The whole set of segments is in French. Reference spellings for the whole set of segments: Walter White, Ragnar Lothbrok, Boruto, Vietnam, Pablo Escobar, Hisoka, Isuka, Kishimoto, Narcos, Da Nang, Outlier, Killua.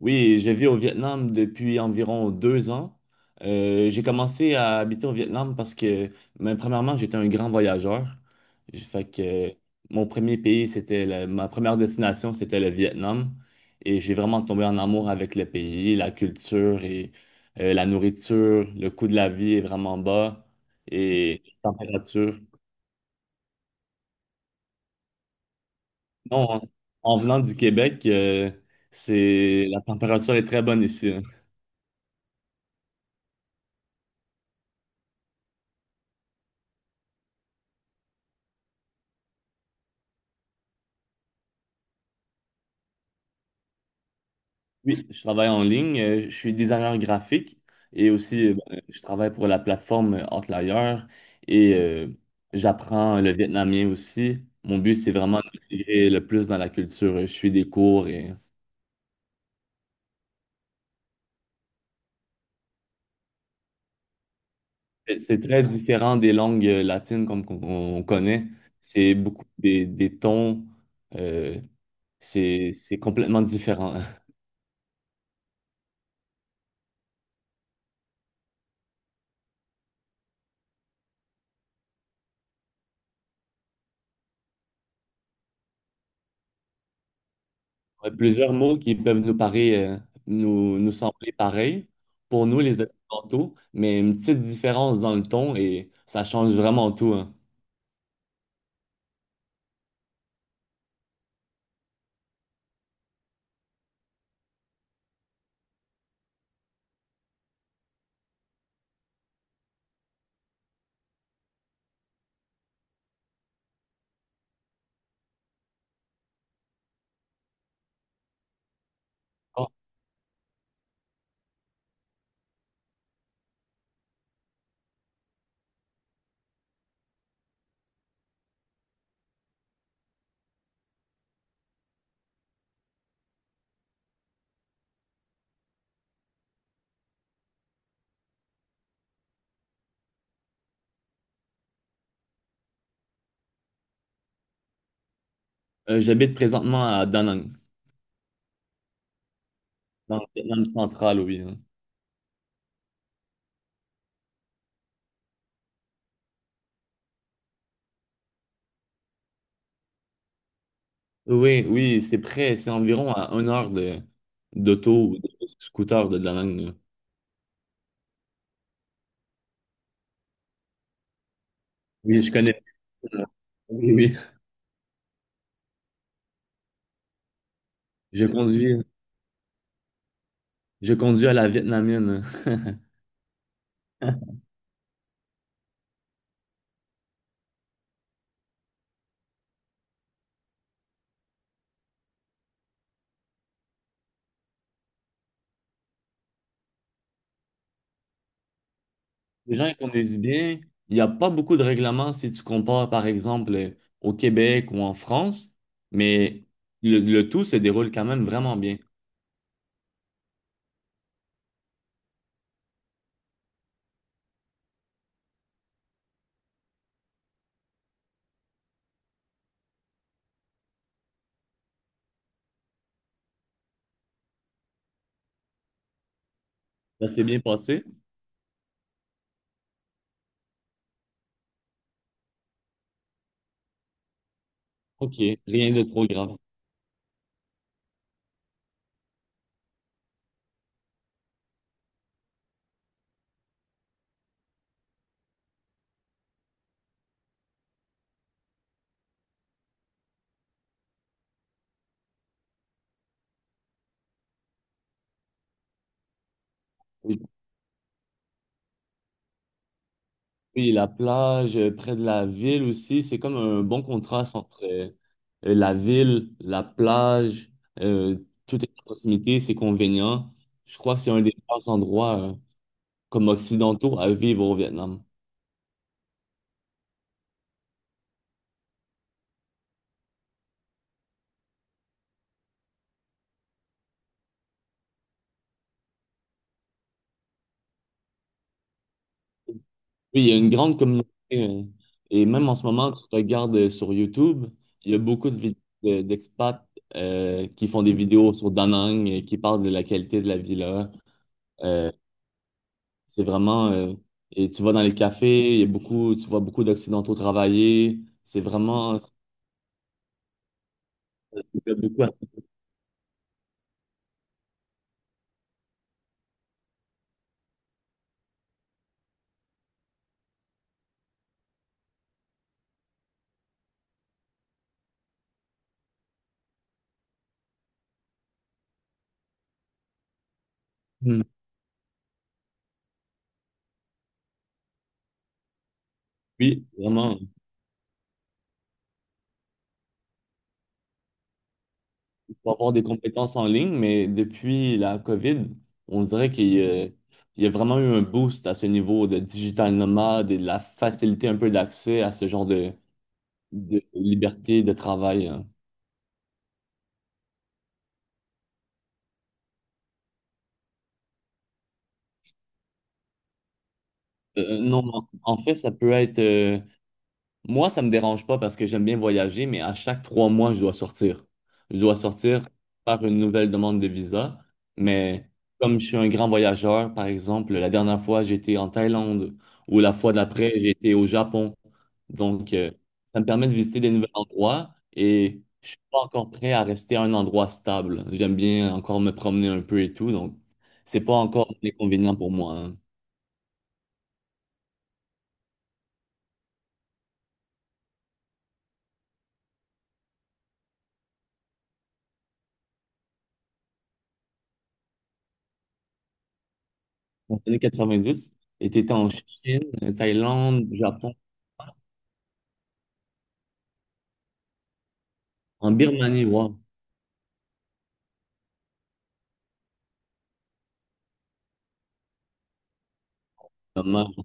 Oui, je vis au Vietnam depuis environ 2 ans. J'ai commencé à habiter au Vietnam parce que, mais premièrement, j'étais un grand voyageur. Fait que mon premier pays, c'était ma première destination, c'était le Vietnam. Et j'ai vraiment tombé en amour avec le pays, la culture et la nourriture. Le coût de la vie est vraiment bas et la température. Non, en venant du Québec, c'est la température est très bonne ici, hein. Oui, je travaille en ligne. Je suis designer graphique et aussi je travaille pour la plateforme Outlier et j'apprends le vietnamien aussi. Mon but, c'est vraiment d'intégrer le plus dans la culture. Je suis des cours et c'est très différent des langues latines comme qu'on on connaît. C'est beaucoup des tons. euh, c'est complètement différent. Ouais, plusieurs mots qui peuvent nous paraître, nous, nous sembler pareils pour nous, les Occidentaux, mais une petite différence dans le ton et ça change vraiment tout, hein. Bon, j'habite présentement à Da Nang, dans le Vietnam central, oui, hein. Oui, oui, c'est près, c'est environ à une heure d'auto ou de scooter de Da Nang, là. Oui, je connais. Oui, oui, je conduis, je conduis à la vietnamienne. Les gens ils conduisent bien. Il n'y a pas beaucoup de règlements si tu compares, par exemple, au Québec ou en France, mais le tout se déroule quand même vraiment bien. Ça s'est bien passé? OK, rien de trop grave. Oui, puis la plage près de la ville aussi, c'est comme un bon contraste entre la ville, la plage, euh, tout est à proximité, c'est convenient. Je crois que c'est un des meilleurs endroits comme occidentaux à vivre au Vietnam. Oui, il y a une grande communauté. Et même en ce moment, tu regardes sur YouTube, il y a beaucoup d'expats qui font des vidéos sur Da Nang, qui parlent de la qualité de la vie là. Euh, c'est vraiment. Et tu vas dans les cafés, il y a beaucoup, tu vois beaucoup d'Occidentaux travailler. C'est vraiment. Ça me plaît beaucoup Mm. Oui, vraiment. Pour avoir des compétences en ligne, mais depuis la COVID, on dirait qu'il y a vraiment eu un boost à ce niveau de digital nomade et de la facilité un peu d'accès à ce genre de liberté de travail, hein. Non, en fait, ça peut être moi, ça me dérange pas parce que j'aime bien voyager, mais à chaque 3 mois, je dois sortir. Je dois sortir, faire une nouvelle demande de visa. Mais comme je suis un grand voyageur, par exemple, la dernière fois, j'étais en Thaïlande ou la fois d'après, j'étais au Japon. Donc, ça me permet de visiter des nouveaux endroits et je suis pas encore prêt à rester à un endroit stable. J'aime bien encore me promener un peu et tout. Donc, c'est pas encore un inconvénient pour moi, hein. Dans les années 90, et tu étais en Chine, Thaïlande, Japon. En Birmanie, wow, pas.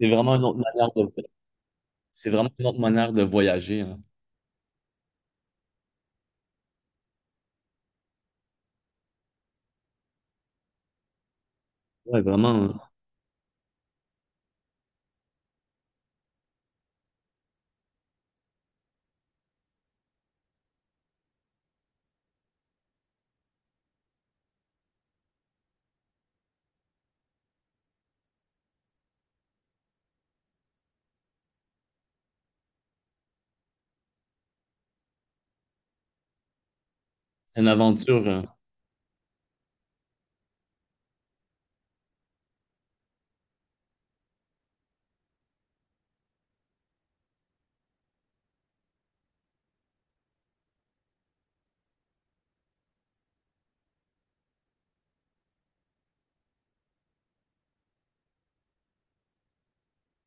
C'est vraiment une autre manière de, c'est vraiment une autre manière de voyager, hein. Ouais, vraiment, hein. C'est une aventure, hein.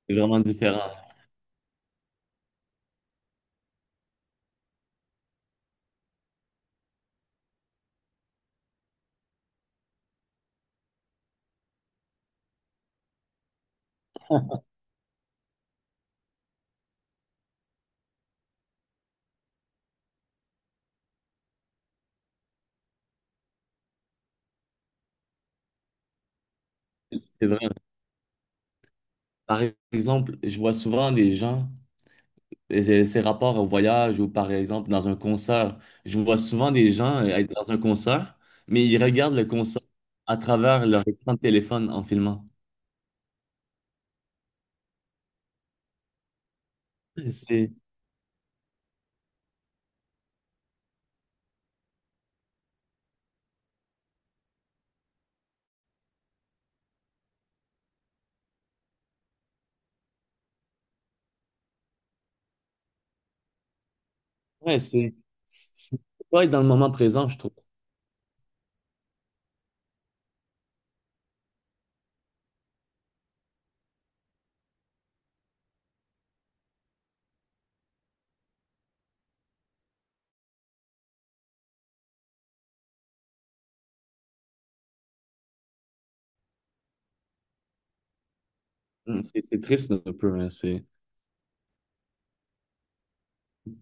C'est vraiment différent. C'est vrai. Par exemple, je vois souvent des gens, et c'est rapport au voyage ou par exemple dans un concert, je vois souvent des gens être dans un concert, mais ils regardent le concert à travers leur écran de téléphone en filmant. C'est, ouais, c'est pas être dans le moment présent, je trouve. Mm, c'est triste un peu, hein, C'est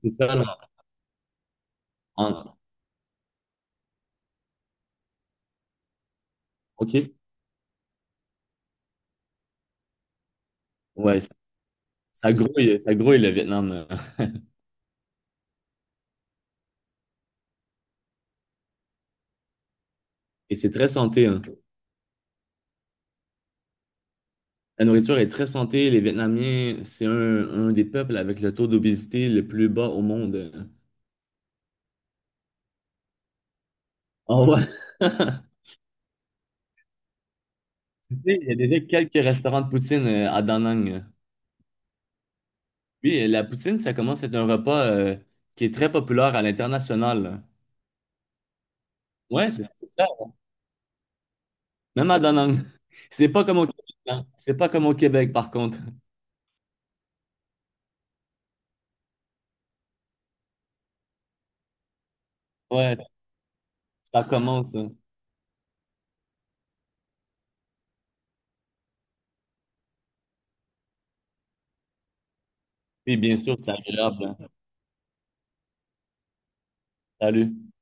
c'est ça, là. En- OK. Ouais, ça grouille, ça grouille le Vietnam. Et c'est très santé, hein. La nourriture est très santé. Les Vietnamiens, c'est un des peuples avec le taux d'obésité le plus bas au monde. Oh, ouais. Tu sais, il y a déjà quelques restaurants de poutine à Da Nang. Oui, la poutine, ça commence à être un repas qui est très populaire à l'international. Ouais, c'est ça. Même à Da Nang. C'est pas comme au Québec, hein. C'est pas comme au Québec, par contre. Ouais, ça commence, hein. Puis bien sûr, c'est agréable, hein. Salut.